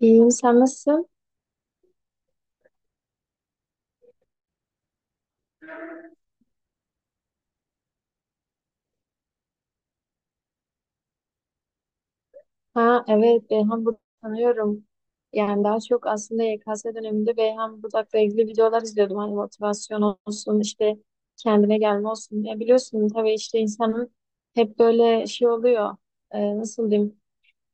İyiyim, sen nasılsın? Ha evet, Beyhan Budak'ı tanıyorum. Yani daha çok aslında YKS döneminde Beyhan Budak'la ilgili videolar izliyordum. Hani motivasyon olsun, işte kendine gelme olsun. Ya biliyorsun tabii işte insanın hep böyle şey oluyor. Nasıl diyeyim?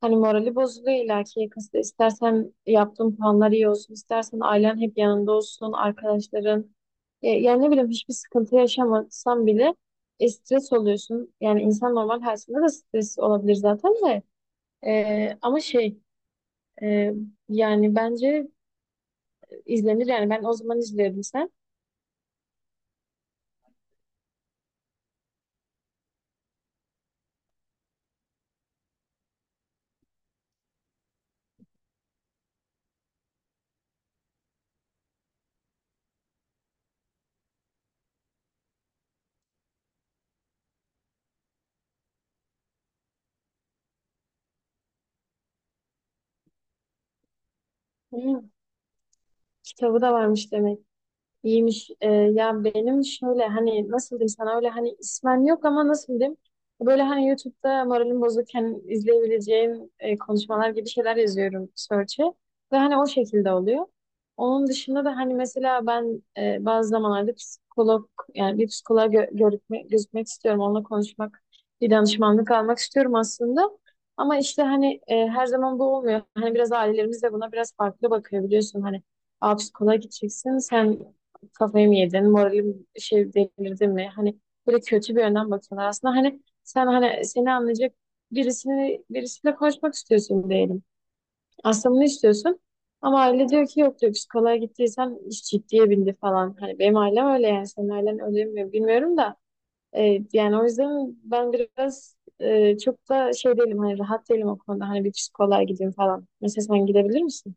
Hani morali bozuluyor illaki yakasında. İstersen yaptığın planlar iyi olsun, istersen ailen hep yanında olsun, arkadaşların. Yani ne bileyim hiçbir sıkıntı yaşamasan bile stres oluyorsun. Yani insan normal hayatında da stres olabilir zaten de. Ama şey e, yani bence İzlenir yani ben o zaman izliyordum sen. Hı, kitabı da varmış demek. İyiymiş. Ya benim şöyle hani nasıl diyeyim sana öyle hani ismen yok ama nasıl diyeyim böyle hani YouTube'da moralim bozukken izleyebileceğim konuşmalar gibi şeyler yazıyorum search'e ve hani o şekilde oluyor. Onun dışında da hani mesela ben bazı zamanlarda psikolog yani bir psikoloğa gözükmek istiyorum. Onunla konuşmak, bir danışmanlık almak istiyorum aslında. Ama işte hani her zaman bu olmuyor. Hani biraz ailelerimiz de buna biraz farklı bakıyor biliyorsun. Hani aa, psikoloğa gideceksin. Sen kafayı mı yedin, moralim şey delirdi mi? Hani böyle kötü bir yönden bakıyorlar. Aslında hani sen hani seni anlayacak birisiyle konuşmak istiyorsun diyelim. Aslında bunu istiyorsun. Ama aile diyor ki yok diyor psikoloğa gittiysen iş ciddiye bindi falan. Hani benim ailem öyle yani senin ailen öyle mi bilmiyorum da. Yani o yüzden ben biraz çok da şey değilim hani rahat değilim o konuda. Hani bir psikoloğa gideyim falan. Mesela sen gidebilir misin?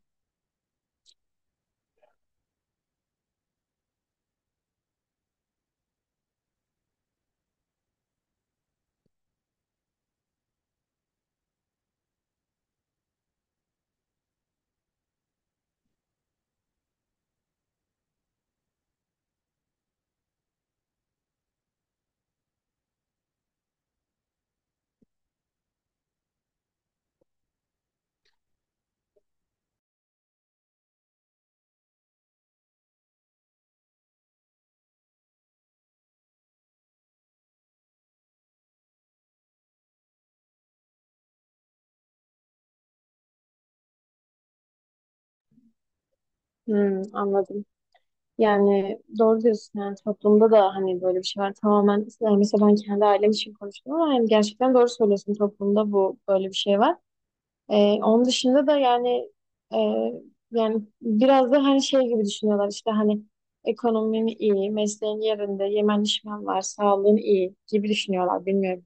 Hmm, anladım. Yani doğru diyorsun yani toplumda da hani böyle bir şey var tamamen yani mesela ben kendi ailem için konuştum ama yani gerçekten doğru söylüyorsun toplumda bu böyle bir şey var. Ee, Onun dışında da yani e, yani biraz da hani şey gibi düşünüyorlar işte hani ekonomin iyi, mesleğin yerinde, yemen içmen var, sağlığın iyi gibi düşünüyorlar bilmiyorum.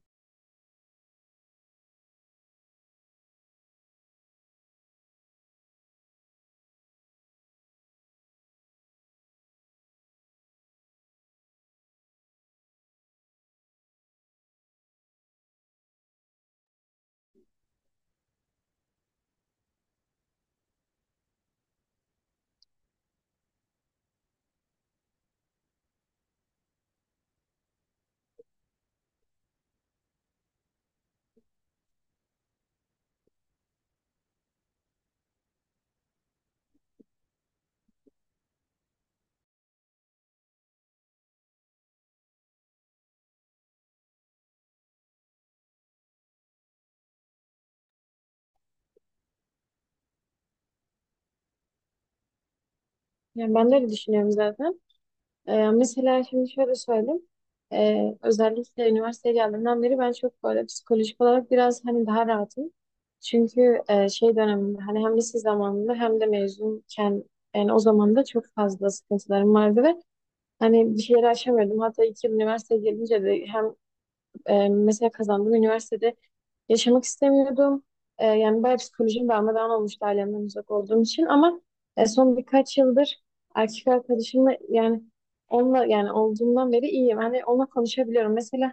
Yani ben de öyle düşünüyorum zaten. Mesela şimdi şöyle söyleyeyim. Özellikle üniversiteye geldiğimden beri ben çok böyle psikolojik olarak biraz hani daha rahatım. Çünkü şey döneminde hani hem lise zamanında hem de mezunken yani o zaman da çok fazla sıkıntılarım vardı ve hani bir şeyleri aşamıyordum. Hatta iki yıl üniversiteye gelince de hem mesela kazandığım üniversitede yaşamak istemiyordum. Yani bayağı psikolojim darmadağın olmuştu ailemden uzak olduğum için ama son birkaç yıldır erkek arkadaşımla yani onunla yani olduğumdan beri iyiyim. Hani onunla konuşabiliyorum. Mesela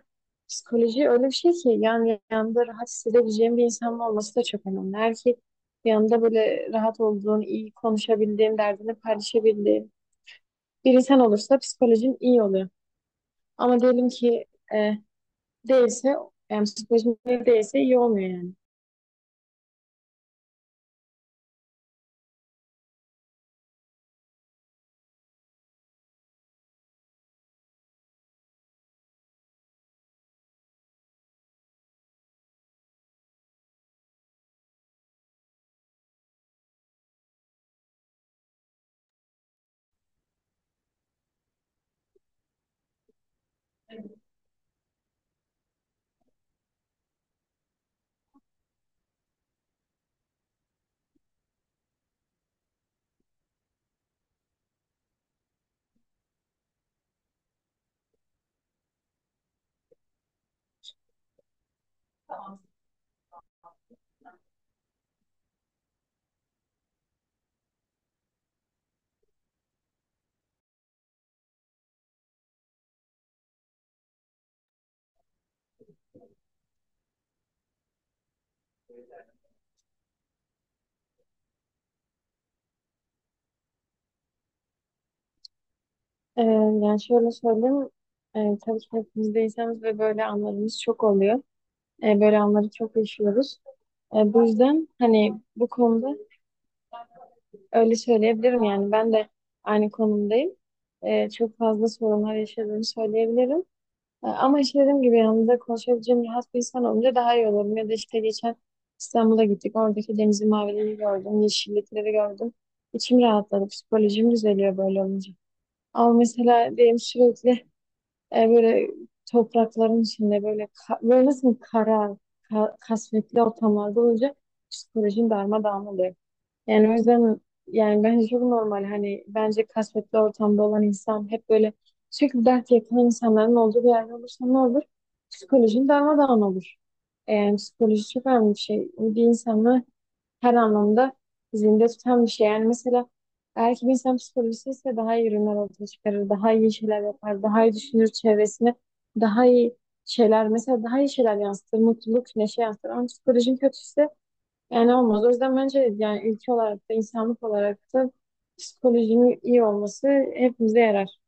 psikoloji öyle bir şey ki yani yanında rahat hissedebileceğim bir insanın olması da çok önemli. Erkek yanında böyle rahat olduğun, iyi konuşabildiğin, derdini paylaşabildiğin bir insan olursa psikolojin iyi oluyor. Ama diyelim ki e, değilse yani psikolojin iyi değilse iyi olmuyor yani. Tamam. Ee, Yani şöyle söyleyeyim, çalışma ekibideyseniz ve böyle anlarımız çok oluyor. Böyle anları çok yaşıyoruz. Bu yüzden hani bu konuda öyle söyleyebilirim yani ben de aynı konumdayım. Çok fazla sorunlar yaşadığımı söyleyebilirim. Ama işte dediğim gibi yanımda konuşabileceğim rahat bir insan olunca daha iyi olurum. Ya da işte geçen İstanbul'a gittik. Oradaki denizin maviliğini gördüm. Yeşillikleri gördüm. İçim rahatladı. Psikolojim düzeliyor böyle olunca. Ama mesela benim sürekli böyle toprakların içinde böyle böyle nasıl kara, kasvetli ortamlarda olunca psikolojim darmadağın oluyor. Yani o yüzden yani bence çok normal. Hani bence kasvetli ortamda olan insan hep böyle sürekli dert yakın insanların olduğu bir yerde olursa ne olur? Psikolojin darmadağın olur. Yani psikoloji çok önemli bir şey. Bir insanı her anlamda zinde tutan bir şey. Yani mesela eğer ki bir insan psikolojisi ise daha iyi ürünler ortaya çıkarır, daha iyi şeyler yapar, daha iyi düşünür çevresine, daha iyi şeyler mesela daha iyi şeyler yansıtır, mutluluk, neşe yansıtır. Ama psikolojin kötüyse yani olmaz. O yüzden bence yani ülke olarak da insanlık olarak da psikolojinin iyi olması hepimize yarar.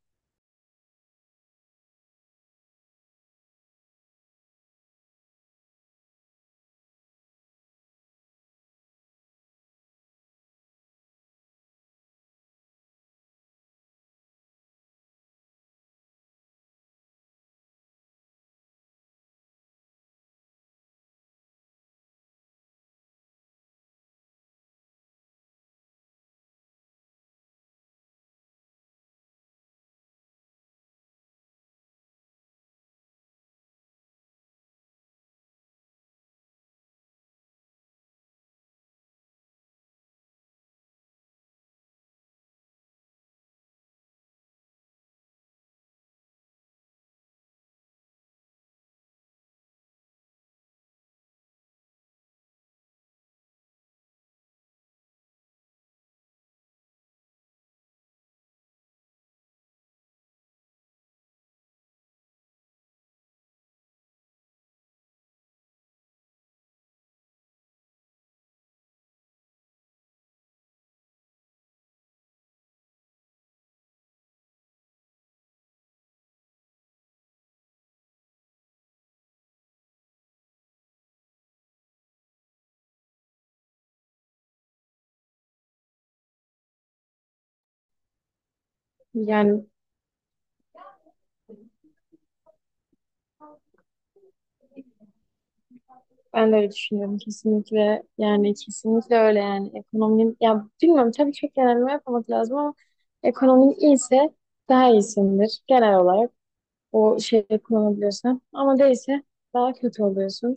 Yani ben de öyle düşünüyorum kesinlikle. Yani kesinlikle öyle yani ekonominin ya bilmiyorum tabii çok genelleme yapmamak lazım ama ekonominin iyiyse daha iyisindir genel olarak o şeyi kullanabiliyorsan ama değilse daha kötü oluyorsun.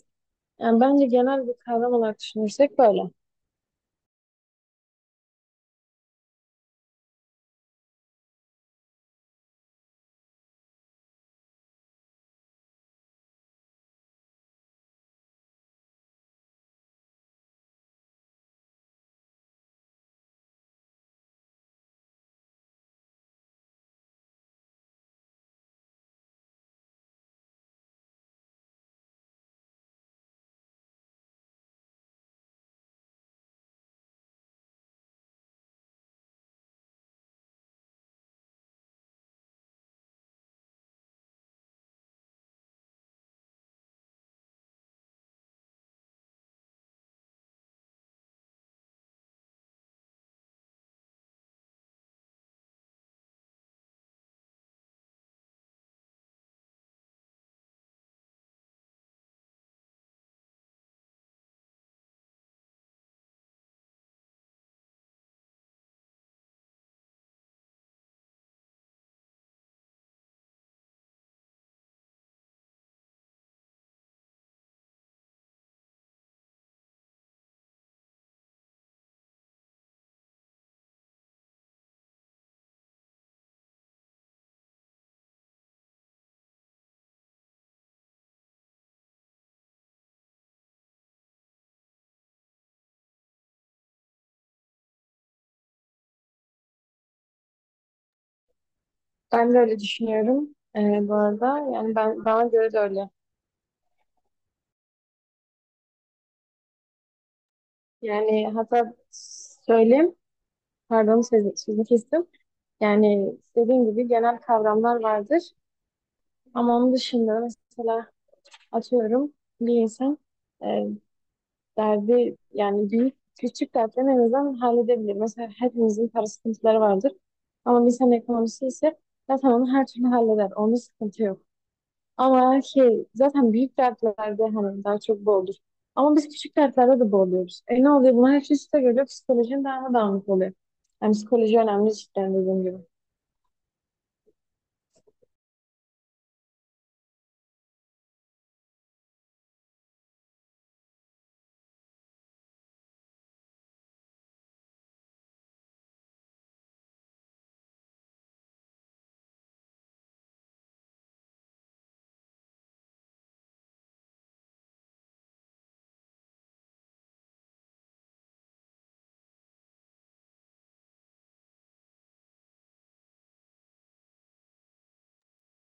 Yani bence genel bir kavram olarak düşünürsek böyle. Ben de öyle düşünüyorum. Bu arada yani ben bana göre de öyle. Yani hatta söyleyeyim, pardon sözü kestim. Yani dediğim gibi genel kavramlar vardır. Ama onun dışında mesela atıyorum bir insan e, derdi yani büyük küçük dertlerini en azından halledebilir. Mesela hepimizin para sıkıntıları vardır. Ama bir insan ekonomisi ise zaten onu her türlü halleder. Onda sıkıntı yok. Ama şey zaten büyük dertlerde hani daha çok boğulur. Ama biz küçük dertlerde de boğuluyoruz. E ne oluyor? Bunlar hepsi üste geliyor. Psikolojin daha da dağınık oluyor. Yani psikoloji önemli cidden dediğim gibi.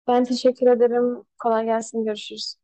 Ben teşekkür ederim. Kolay gelsin. Görüşürüz.